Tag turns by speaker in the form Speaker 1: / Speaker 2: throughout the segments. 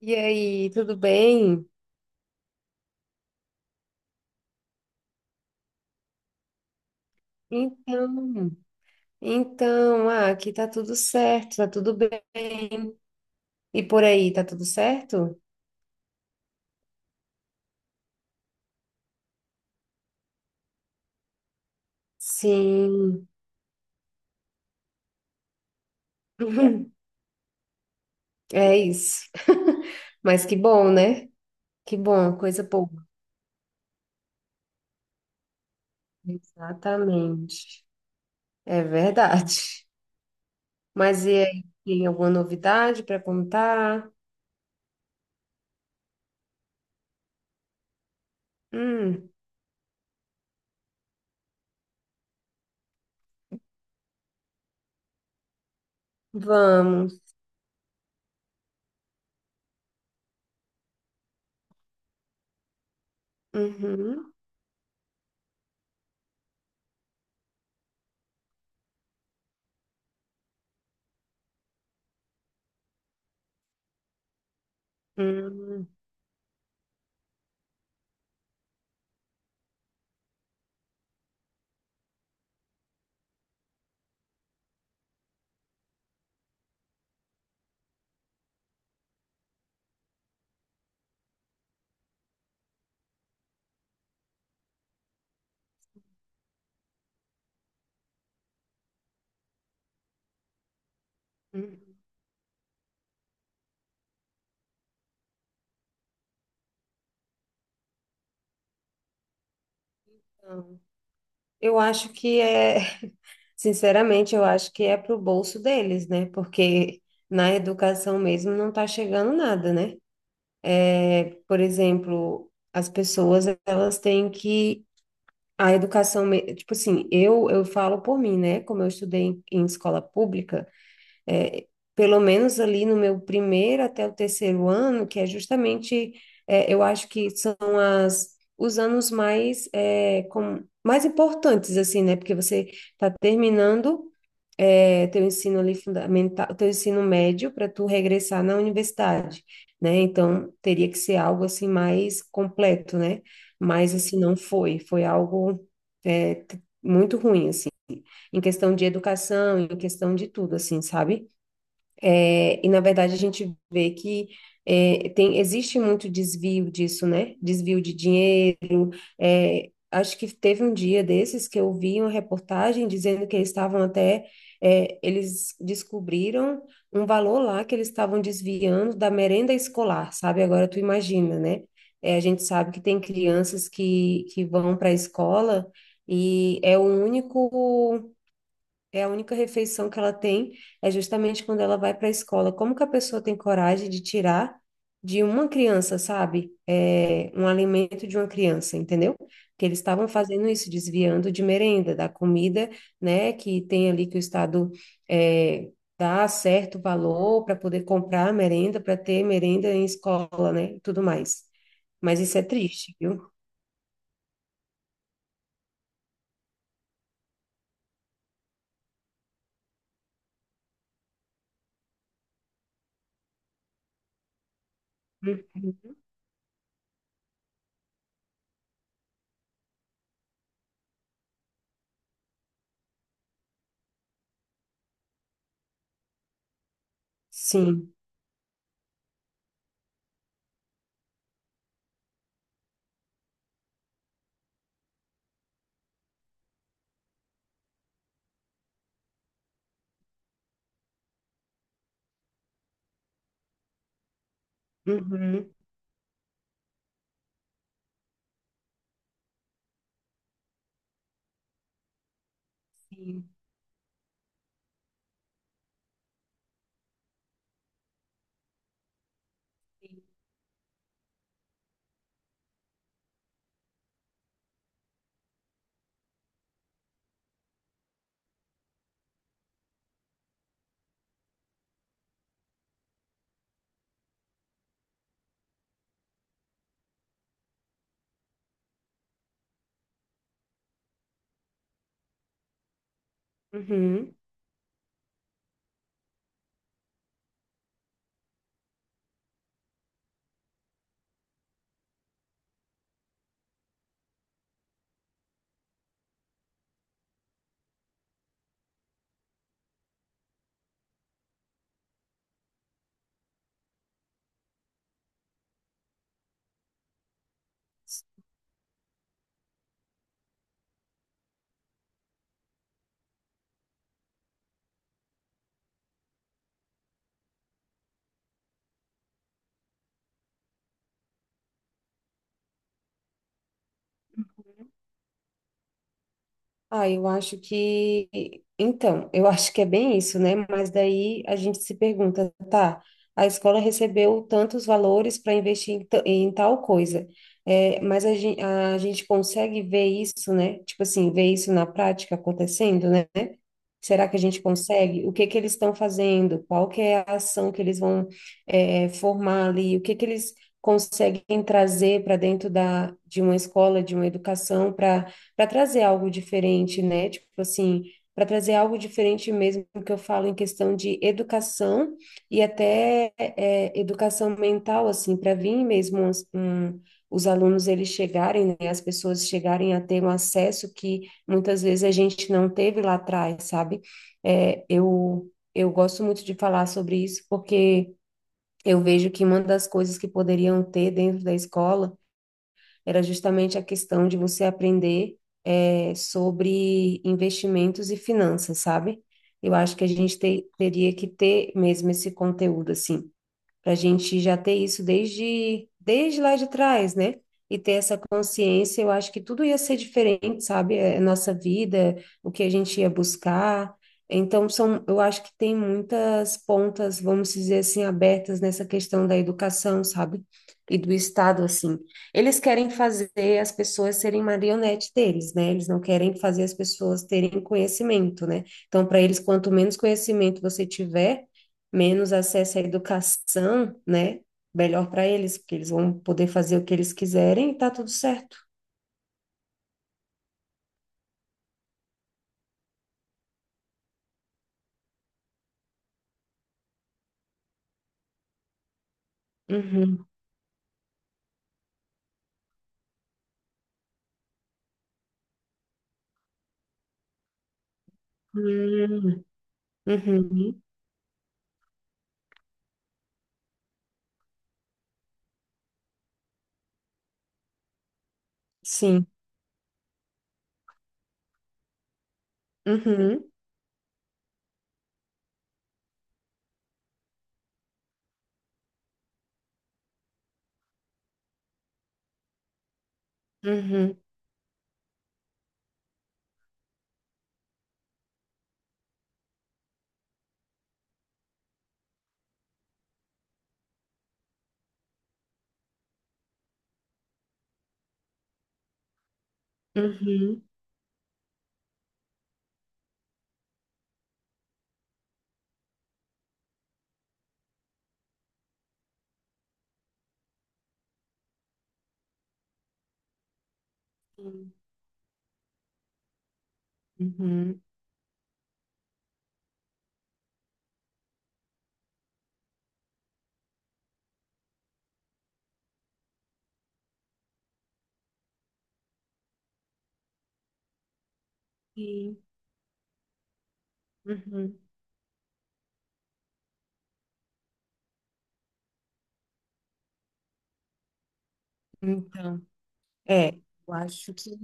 Speaker 1: E aí, tudo bem? Então, então, aqui tá tudo certo, tá tudo bem. E por aí, tá tudo certo? Sim, é isso. Mas que bom, né? Que bom, coisa boa. Exatamente. É verdade. Mas e aí, tem alguma novidade para contar? Hum, vamos. Uhum, hum, hum. Não. Eu acho que é. Sinceramente, eu acho que é pro bolso deles, né? Porque na educação mesmo não está chegando nada, né? É, por exemplo, as pessoas, elas têm que a educação, tipo assim, eu falo por mim, né? Como eu estudei em escola pública, é, pelo menos ali no meu primeiro até o terceiro ano, que é justamente, eu acho que são os anos mais, mais importantes, assim, né? Porque você está terminando teu ensino ali fundamental, teu ensino médio para tu regressar na universidade, né? Então teria que ser algo assim mais completo, né? Mas assim não foi, foi algo muito ruim assim, em questão de educação, em questão de tudo assim, sabe? E na verdade a gente vê que existe muito desvio disso, né? Desvio de dinheiro. Acho que teve um dia desses que eu vi uma reportagem dizendo que eles estavam eles descobriram um valor lá que eles estavam desviando da merenda escolar, sabe? Agora tu imagina, né? A gente sabe que tem crianças que vão para a escola e é o único. É a única refeição que ela tem é justamente quando ela vai para a escola. Como que a pessoa tem coragem de tirar de uma criança, sabe? Um alimento de uma criança, entendeu? Que eles estavam fazendo isso, desviando de merenda, da comida, né? Que tem ali que o Estado é, dá certo valor para poder comprar merenda, para ter merenda em escola, né? E tudo mais. Mas isso é triste, viu? Hum. Sim. Uhum. Sim. Uhum. Ah, eu acho que. Então, eu acho que é bem isso, né? Mas daí a gente se pergunta, tá? A escola recebeu tantos valores para investir em tal coisa, mas a gente consegue ver isso, né? Tipo assim, ver isso na prática acontecendo, né? Será que a gente consegue? O que que eles estão fazendo? Qual que é a ação que eles vão formar ali? O que que eles conseguem trazer para dentro de uma escola, de uma educação, para trazer algo diferente, né? Tipo assim, para trazer algo diferente mesmo que eu falo em questão de educação e até educação mental, assim, para vir mesmo os alunos eles chegarem, né? As pessoas chegarem a ter um acesso que muitas vezes a gente não teve lá atrás, sabe? Eu gosto muito de falar sobre isso porque eu vejo que uma das coisas que poderiam ter dentro da escola era justamente a questão de você aprender sobre investimentos e finanças, sabe? Eu acho que a gente teria que ter mesmo esse conteúdo, assim para a gente já ter isso desde lá de trás, né? E ter essa consciência, eu acho que tudo ia ser diferente, sabe? A nossa vida, o que a gente ia buscar. Então, eu acho que tem muitas pontas, vamos dizer assim, abertas nessa questão da educação, sabe? E do Estado, assim. Eles querem fazer as pessoas serem marionete deles, né? Eles não querem fazer as pessoas terem conhecimento, né? Então, para eles, quanto menos conhecimento você tiver, menos acesso à educação, né? Melhor para eles, porque eles vão poder fazer o que eles quiserem e tá tudo certo. Uhum. Hum. Uhum. Sim. Uhum. Uhum. Uhum. Sim. Uhum. Sim. Uhum. Então, é, eu acho que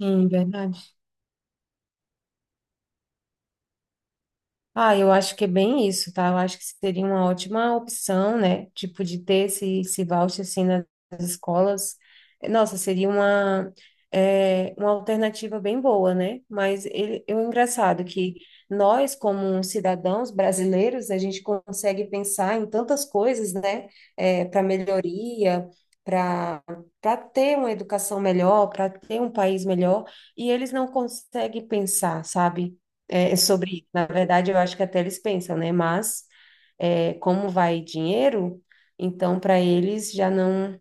Speaker 1: sim, verdade. Ah, eu acho que é bem isso, tá? Eu acho que seria uma ótima opção, né? Tipo, de ter esse voucher, assim, nas escolas. Nossa, seria uma alternativa bem boa, né? É engraçado que nós, como cidadãos brasileiros, a gente consegue pensar em tantas coisas, né? Para melhoria, para para ter uma educação melhor, para ter um país melhor, e eles não conseguem pensar, sabe? É sobre isso. Na verdade, eu acho que até eles pensam, né? Mas como vai dinheiro, então para eles já não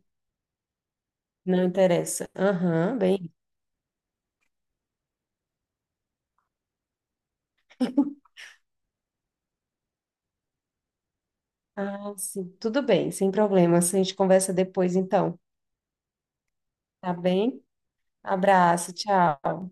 Speaker 1: não interessa. Aham, bem. Ah, sim. Tudo bem, sem problemas. A gente conversa depois, então. Tá bem? Abraço, tchau.